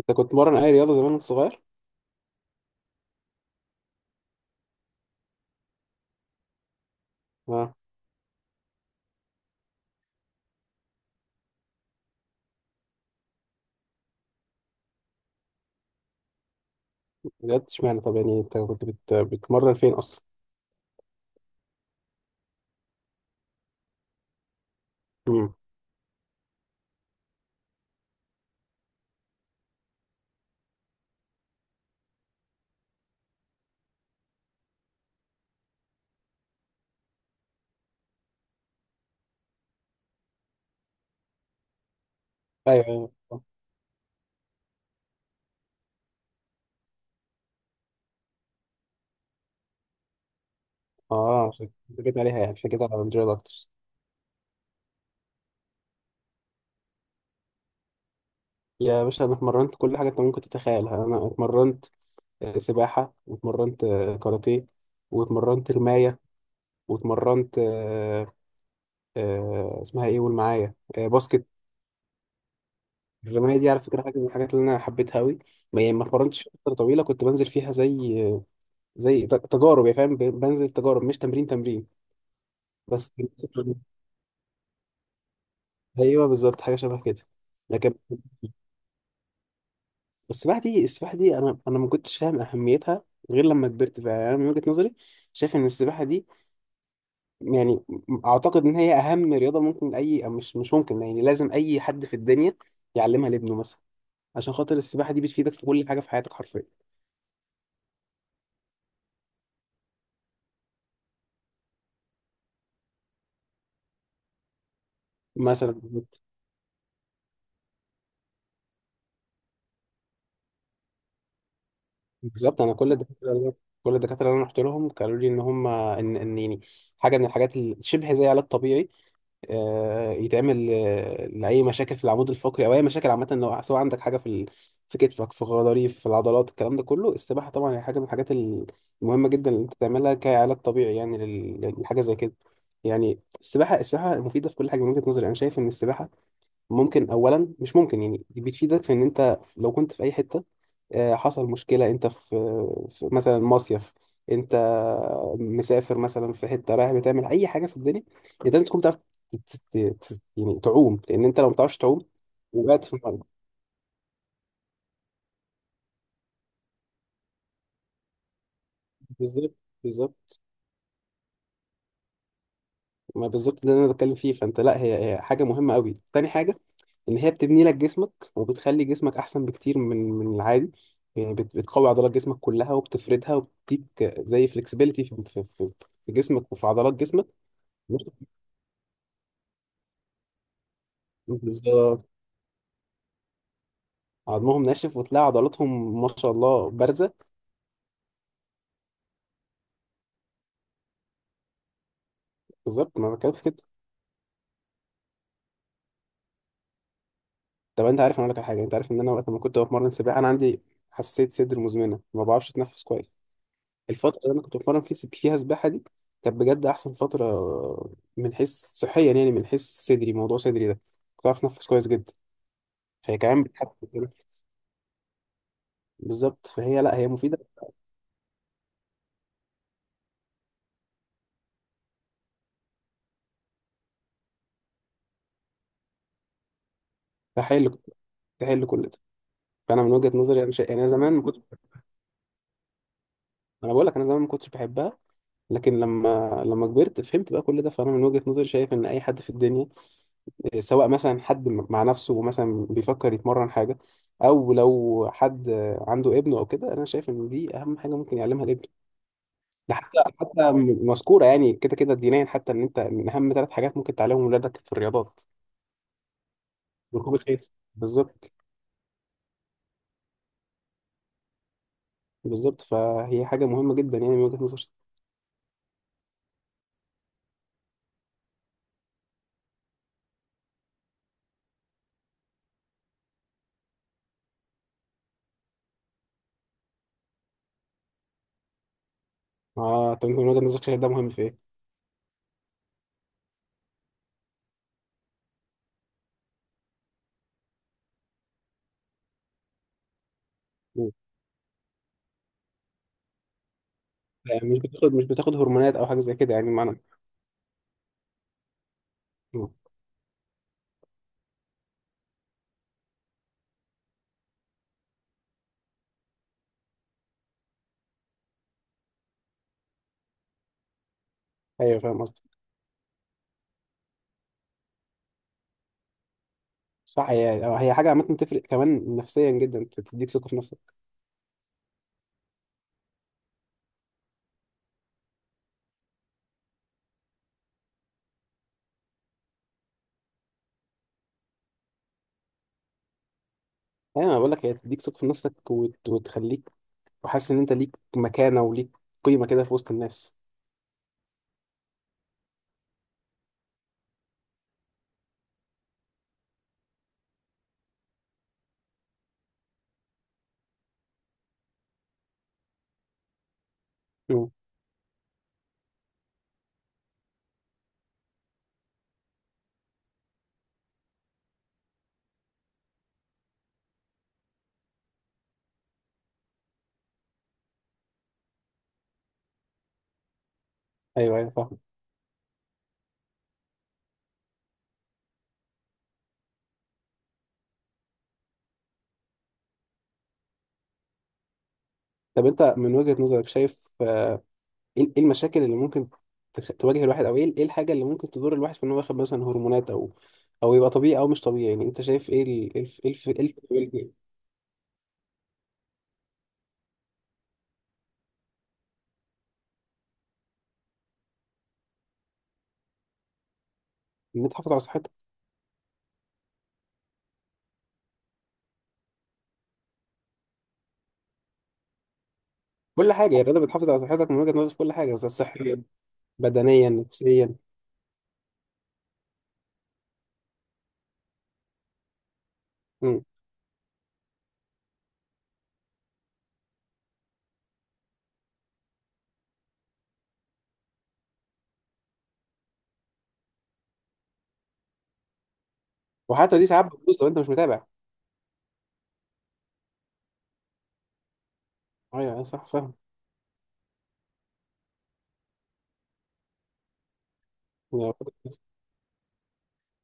انت كنت بتمرن اي رياضه زمان وانت صغير؟ اه. بجد اشمعنى؟ طب يعني انت كنت بتمرن فين اصلا؟ امم. ايوه، ايوه. اه، عشان كده جيت عليها، يعني عشان كده على الجيل اكتر. يا باشا انا اتمرنت كل حاجه انت ممكن تتخيلها. انا اتمرنت سباحه، واتمرنت كاراتيه، واتمرنت رمايه، واتمرنت اسمها ايه؟ قول معايا، باسكت. الرمايه دي على فكره حاجه من الحاجات اللي انا حبيتها قوي. ما يعني ما اتمرنتش فتره طويله، كنت بنزل فيها زي تجارب، يا فاهم، بنزل تجارب، مش تمرين تمرين. بس ايوه، بالظبط، حاجه شبه كده. لكن السباحه دي، السباحه دي انا ما كنتش فاهم اهميتها غير لما كبرت فعلا. يعني انا من وجهه نظري شايف ان السباحه دي، يعني اعتقد ان هي اهم رياضه ممكن، اي، أو مش ممكن، يعني لازم اي حد في الدنيا يعلمها لابنه مثلا، عشان خاطر السباحه دي بتفيدك في كل حاجه في حياتك حرفيا. مثلا بالظبط انا كل كل الدكاتره اللي انا رحت لهم قالوا لي ان هم، ان يعني حاجه من الحاجات اللي شبه زي علاج طبيعي، يتعمل لأي مشاكل في العمود الفقري أو أي مشاكل عامة، لو سواء عندك حاجة في في كتفك، في غضاريف، في العضلات، الكلام ده كله السباحة طبعا هي حاجة من الحاجات المهمة جدا اللي أنت تعملها كعلاج طبيعي، يعني للحاجة زي كده. يعني السباحة، السباحة مفيدة في كل حاجة. من وجهة نظري أنا شايف إن السباحة ممكن، أولا مش ممكن يعني، دي بتفيدك في إن أنت لو كنت في أي حتة حصل مشكلة، انت في، في مثلا مصيف، انت مسافر مثلا في حتة رايح، بتعمل اي حاجة في الدنيا انت لازم تكون بتعرف ت- ت- يعني تعوم، لان انت لو ما بتعرفش تعوم وقعت في الميه. بالظبط، بالظبط. ما بالظبط ده اللي انا بتكلم فيه، فانت لا، هي حاجة مهمة قوي. تاني حاجة، ان هي بتبني لك جسمك وبتخلي جسمك احسن بكتير من العادي، يعني بتقوي عضلات جسمك كلها وبتفردها، وبتديك زي فلكسبيليتي في جسمك وفي عضلات جسمك. بالظبط، عظمهم ناشف وتلاقي عضلاتهم ما شاء الله بارزه. بالظبط ما أنا بتكلم في كده. طب انت عارف، انا اقول لك على حاجه، انت عارف ان انا وقت ما كنت بتمرن سباحه انا عندي حساسيه صدر مزمنه، ما بعرفش اتنفس كويس. الفتره اللي انا كنت بتمرن فيها سباحه دي كانت بجد احسن فتره، من حيث صحيا، يعني من حيث صدري، موضوع صدري ده كنت بعرف اتنفس كويس جدا. فهي كمان بتحسن التنفس. بالظبط، فهي لا، هي مفيده. تحل، تحل كل ده. فانا من وجهه نظري انا يعني انا زمان ما كنت، انا بقول لك انا زمان ما كنتش بحبها، لكن لما كبرت فهمت بقى كل ده. فانا من وجهة نظري شايف ان اي حد في الدنيا، سواء مثلا حد مع نفسه مثلا بيفكر يتمرن حاجة، او لو حد عنده ابنه او كده، انا شايف ان دي اهم حاجة ممكن يعلمها لابنه. ده حتى، مذكورة يعني كده كده دينيا، حتى ان انت من اهم ثلاث حاجات ممكن تعلمهم ولادك في الرياضات ركوب الخيل. بالظبط، بالظبط، فهي حاجة مهمة جدا يعني من وجهة نظري. اه، طب انت من وجهة نظرك شايف ده مهم في ايه؟ مم. مش بتاخد، مش بتاخد هرمونات او حاجة زي كده، يعني معنى. مم. ايوه، فاهم قصدي. صح، هي، هي حاجة عامة تفرق كمان نفسيا جدا، تديك ثقة في نفسك. أيوة، أنا بقول لك هي تديك ثقة في نفسك، وتخليك وحاسس إن أنت ليك مكانة وليك قيمة كده في وسط الناس. مم. أيوه، أيوه، فاهم. طب أنت من وجهة نظرك شايف إيه، إيه المشاكل اللي ممكن تواجه الواحد، أو إيه، إيه الحاجة اللي ممكن تضر الواحد في إن هو ياخد مثلا هرمونات، أو أو يبقى طبيعي أو مش طبيعي، يعني أنت شايف إيه إيه الف... إيه الف... إيه الف... إيه الف- إن تحافظ على صحتك. كل حاجة، يعني الرياضة بتحافظ على صحتك من وججة نظرك في كل حاجة، إذا صحيا، بدنيا، نفسيا. مم. وحتى دي ساعات بتبوظ لو انت مش متابع. ايوه، ايوه، صح، فاهم. هي،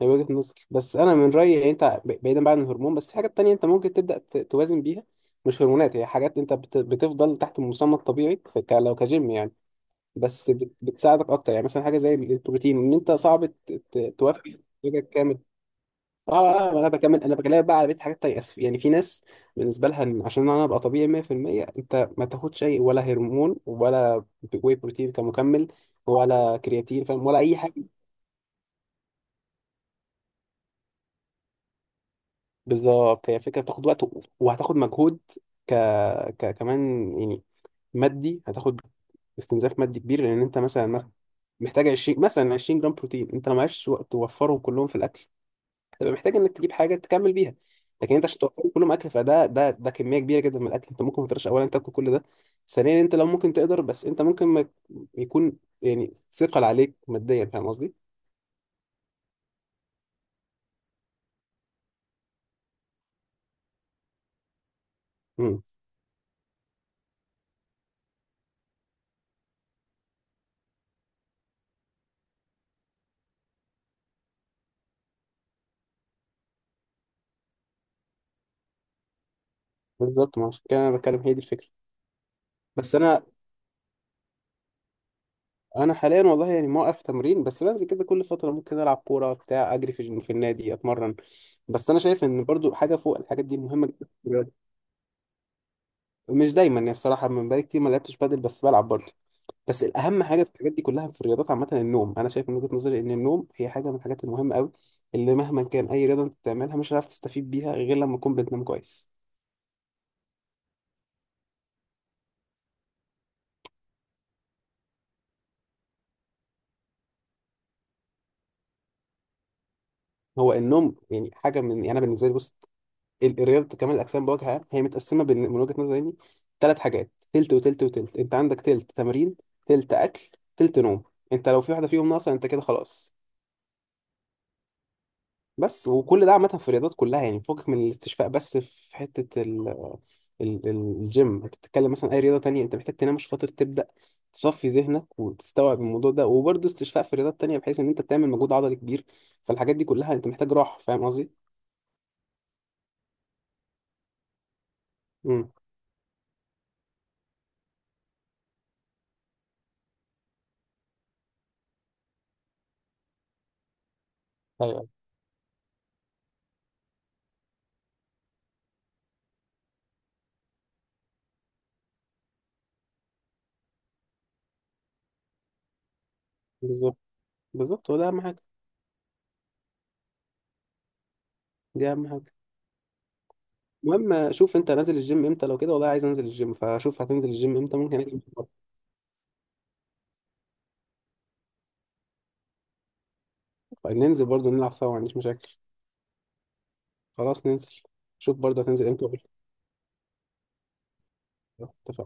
هي وجهة نظر، بس انا من رايي يعني، انت بعيدا بقى عن الهرمون بس في حاجات تانية انت ممكن تبدا توازن بيها، مش هرمونات، هي حاجات انت بتفضل تحت المسمى الطبيعي، لو كجيم يعني، بس بتساعدك اكتر. يعني مثلا حاجه زي البروتين، ان انت صعب توفي احتياجك كامل. اه، اه، ما انا بكمل، انا بكلمك بقى على بيت حاجات تانية، أسف. يعني في ناس بالنسبه لها إن عشان انا ابقى طبيعي 100%، انت ما تاخدش اي ولا هرمون، ولا واي بروتين كمكمل، ولا كرياتين، فاهم، ولا اي حاجه. بالظبط، هي فكره بتاخد وقت، وهتاخد مجهود ك... كمان يعني، مادي، هتاخد استنزاف مادي كبير، لان انت مثلا محتاج 20، مثلا 20 جرام بروتين، انت لو معكش وقت توفرهم كلهم في الاكل تبقى محتاج انك تجيب حاجه تكمل بيها. لكن انت عشان توفر كلهم اكل، فده، ده ده كميه كبيره جدا من الاكل، انت ممكن ما تقدرش اولا تاكل كل ده. ثانيا انت لو ممكن تقدر، بس انت ممكن ما يكون يعني ثقل عليك ماديا، فاهم قصدي؟ امم. بالظبط، ما عشان كده انا بتكلم، هي دي الفكره. بس انا، انا حاليا والله يعني موقف تمرين، بس بنزل كده كل فتره، ممكن العب كوره بتاع، اجري في النادي، اتمرن، بس انا شايف ان برضو حاجه فوق الحاجات دي مهمه جدا في الرياضة. مش دايما، يعني الصراحه من بقالي كتير ما لعبتش بادل، بس بلعب برضو. بس الاهم حاجه في الحاجات دي كلها في الرياضات عامه النوم. انا شايف من وجهه نظري ان النوم هي حاجه من الحاجات المهمه قوي، اللي مهما كان اي رياضه انت بتعملها، مش هتعرف تستفيد بيها غير لما تكون بتنام كويس. هو النوم يعني حاجه من، يعني انا بالنسبه لي بص، الرياضه كمال الاجسام بوجه عام هي متقسمه من وجهه نظري يعني ثلاث حاجات، تلت وتلت وتلت. انت عندك تلت تمرين، تلت اكل، تلت نوم. انت لو في واحده فيهم ناقصه انت كده خلاص. بس وكل ده عامة في الرياضات كلها، يعني فوقك من الاستشفاء. بس في حتة ال ال- الجيم انت بتتكلم، مثلا اي رياضة تانية انت محتاج تنام عشان خاطر تبدأ تصفي ذهنك وتستوعب الموضوع ده، وبرضه استشفاء في رياضات تانية بحيث ان انت بتعمل مجهود عضلي كبير، فالحاجات دي كلها انت محتاج راحة، فاهم قصدي؟ امم. ايوه بالظبط، بالظبط، هو ده اهم حاجة، دي اهم حاجة. المهم، شوف انت نازل الجيم امتى، لو كده والله عايز انزل الجيم، فشوف هتنزل الجيم امتى ممكن اجي ننزل برضه نلعب سوا، ما عنديش مشاكل. خلاص ننزل، شوف برضه هتنزل امتى وقول لي. اتفقنا.